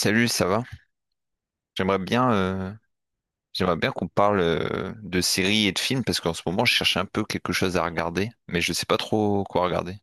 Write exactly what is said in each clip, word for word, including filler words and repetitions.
Salut, ça va? J'aimerais bien, euh, j'aimerais bien qu'on parle euh, de séries et de films parce qu'en ce moment, je cherche un peu quelque chose à regarder, mais je sais pas trop quoi regarder.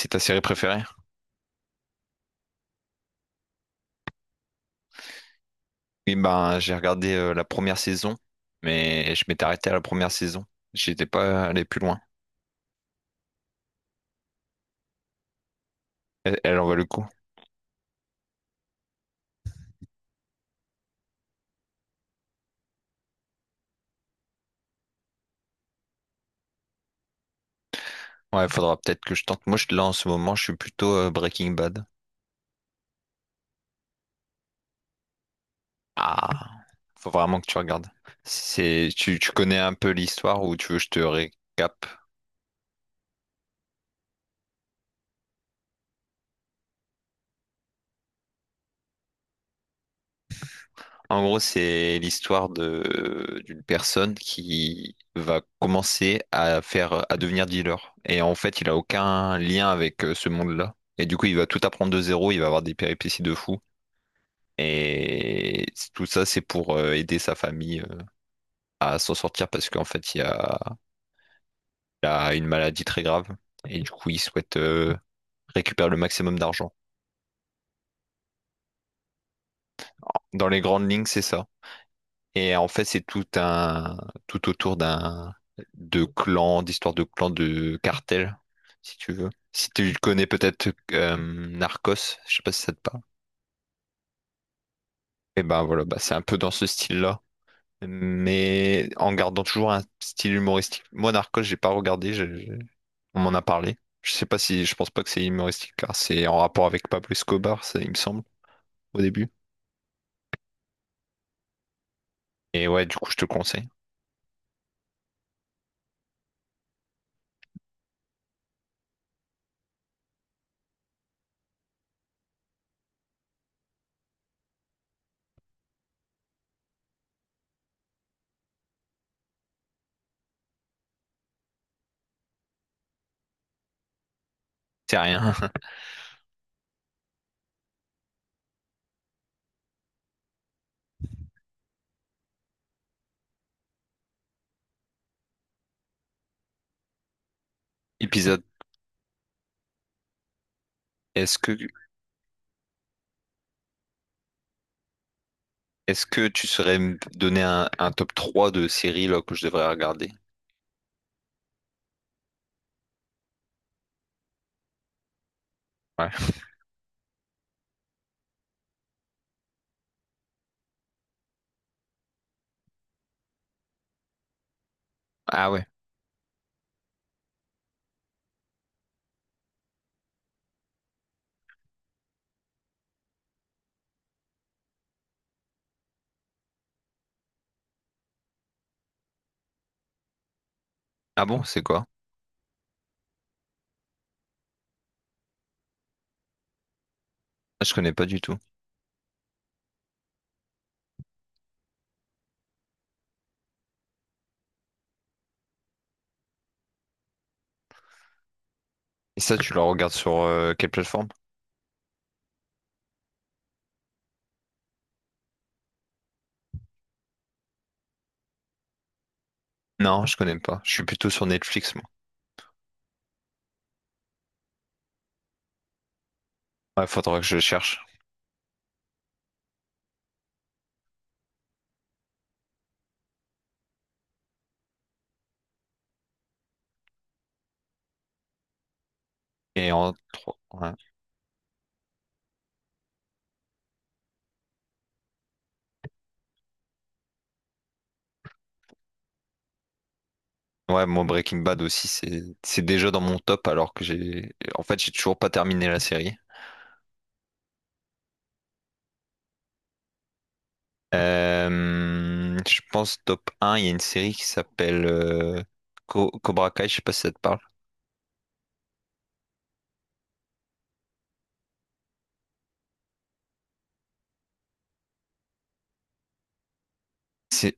C'est ta série préférée? Oui, ben j'ai regardé euh, la première saison, mais je m'étais arrêté à la première saison. J'étais pas allé plus loin. Elle, elle en vaut le coup. Ouais, faudra peut-être que je tente. Moi, je, là en ce moment, je suis plutôt euh, Breaking Bad. Ah, faut vraiment que tu regardes. C'est, tu, tu connais un peu l'histoire ou tu veux que je te récap? En gros, c'est l'histoire de d'une personne qui va commencer à faire à devenir dealer. Et en fait, il a aucun lien avec euh, ce monde-là. Et du coup, il va tout apprendre de zéro, il va avoir des péripéties de fou. Et c- tout ça, c'est pour euh, aider sa famille euh, à s'en sortir parce qu'en fait, il y a, il a une maladie très grave. Et du coup, il souhaite euh, récupérer le maximum d'argent. Dans les grandes lignes, c'est ça. Et en fait, c'est tout un tout autour d'un de clans, d'histoires de clans, de cartels, si tu veux. Si tu connais peut-être euh, Narcos, je sais pas si ça te parle. Et ben voilà, bah c'est un peu dans ce style-là, mais en gardant toujours un style humoristique. Moi, Narcos, j'ai pas regardé, je- je- on m'en a parlé. Je sais pas si, je pense pas que c'est humoristique, car c'est en rapport avec Pablo Escobar, ça, il me semble, au début. Et ouais, du coup, je te le conseille. C'est rien. Épisode. Est-ce que, est-ce que tu saurais me donner un, un top trois de séries là, que je devrais regarder? Ouais. Ah ouais. Ah bon, c'est quoi? Ah, je connais pas du tout. Et ça, tu le regardes sur euh, quelle plateforme? Non, je connais pas. Je suis plutôt sur Netflix, moi. Ouais, faudra que je cherche. Et en trois. Ouais. Ouais, moi Breaking Bad aussi, c'est c'est déjà dans mon top alors que j'ai en fait j'ai toujours pas terminé la série. Euh, je pense top un, il y a une série qui s'appelle euh, Co- Cobra Kai, je sais pas si ça te parle. C'est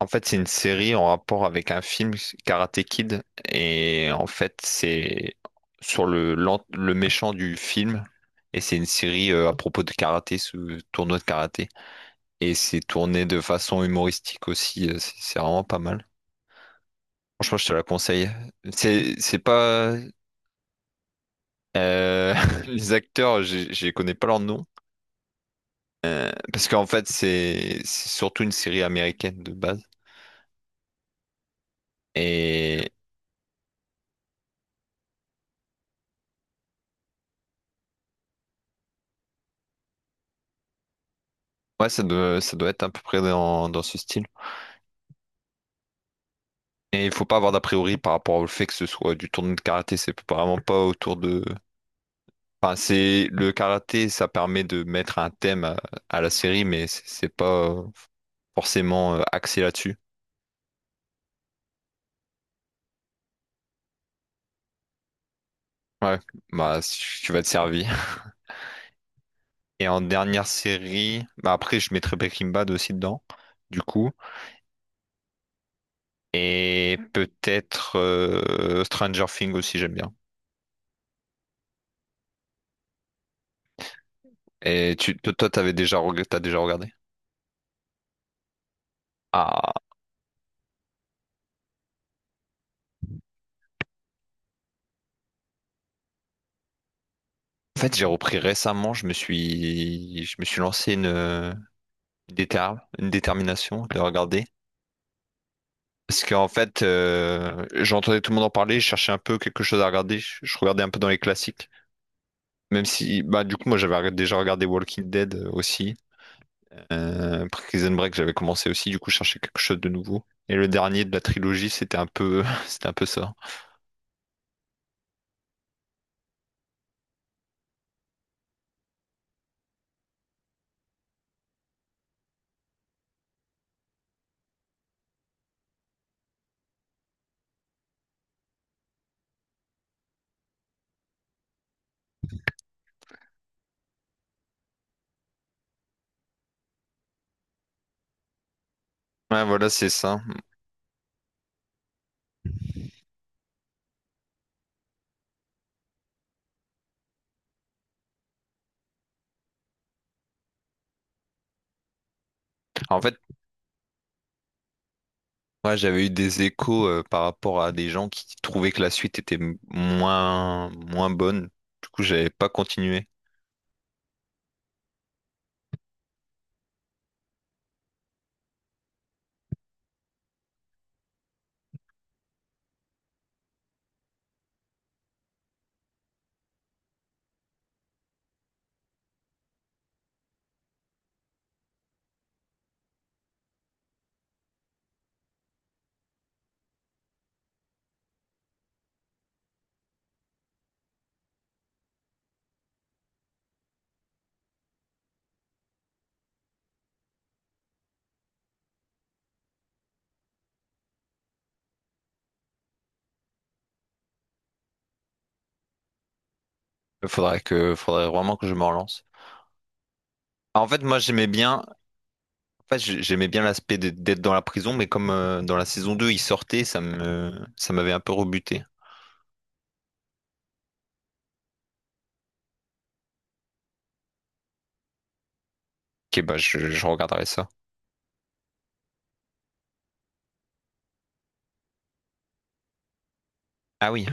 en fait c'est une série en rapport avec un film Karate Kid et en fait c'est sur le l'an- le méchant du film et c'est une série euh, à propos de karaté, ce tournoi de karaté et c'est tourné de façon humoristique aussi, euh, c'est c'est vraiment pas mal. Franchement, je te la conseille. C'est, c'est pas euh, les acteurs, j'ai- je connais pas leur nom parce qu'en fait, c'est c'est surtout une série américaine de base. Et ouais, ça doit, ça doit être à peu près dans, dans ce style. Et il faut pas avoir d'a priori par rapport au fait que ce soit du tournoi de karaté. C'est vraiment pas autour de. Enfin, c'est le karaté, ça permet de mettre un thème à, à la série, mais c'est c'est pas forcément euh, axé là-dessus. Ouais, bah si tu vas te servir. Et en dernière série, bah après je mettrais Breaking Bad aussi dedans, du coup. Et peut-être euh, Stranger Things aussi, j'aime bien. Et tu, toi, toi, t'avais déjà, reg- t'as déjà regardé? Ah, en fait, j'ai repris récemment, je me suis, je me suis lancé une, euh, déter- une détermination de regarder. Parce qu'en fait, euh, j'entendais tout le monde en parler, je cherchais un peu quelque chose à regarder, je je regardais un peu dans les classiques. Même si, bah, du coup, moi, j'avais déjà regardé Walking Dead euh, aussi. Euh, Prison Break, j'avais commencé aussi, du coup, je cherchais quelque chose de nouveau. Et le dernier de la trilogie, c'était un peu, c'était un peu ça. Ouais, voilà, c'est ça. En fait, ouais, j'avais eu des échos euh, par rapport à des gens qui trouvaient que la suite était m- moins, moins bonne. Du coup, j'avais pas continué. Faudrait que, faudrait vraiment que je me relance. En fait, moi, j'aimais bien. Enfin, j'ai- j'aimais bien l'aspect d'être d'être dans la prison, mais comme euh, dans la saison deux, il sortait, ça me, ça m'avait un peu rebuté. Ok, bah, je, je regarderai ça. Ah oui,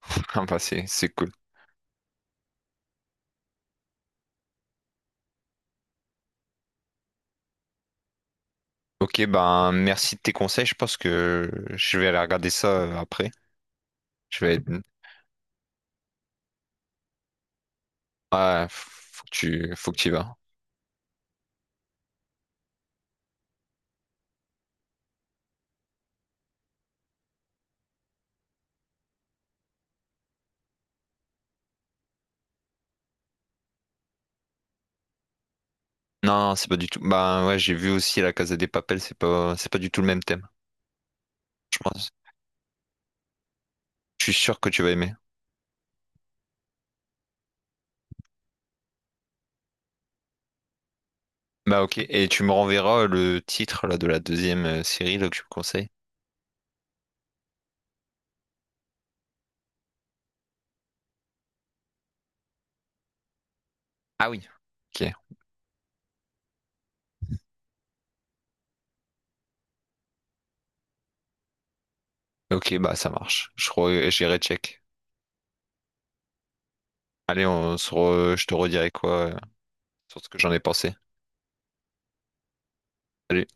ah bah, c'est, c'est cool. Ok, ben merci de tes conseils. Je pense que je vais aller regarder ça euh, après. Je vais ouais, faut que tu, faut que tu y vas. Non, non, c'est pas du tout. Bah ouais, j'ai vu aussi La Casa des Papel, c'est pas, c'est pas du tout le même thème, je pense. Je suis sûr que tu vas aimer. Bah ok, et tu me renverras le titre là de la deuxième euh, série là, que tu me conseilles. Ah oui. Ok, ok, bah ça marche. Je re- j'irai check. Allez, on se re- je te redirai quoi euh, sur ce que j'en ai pensé. Salut.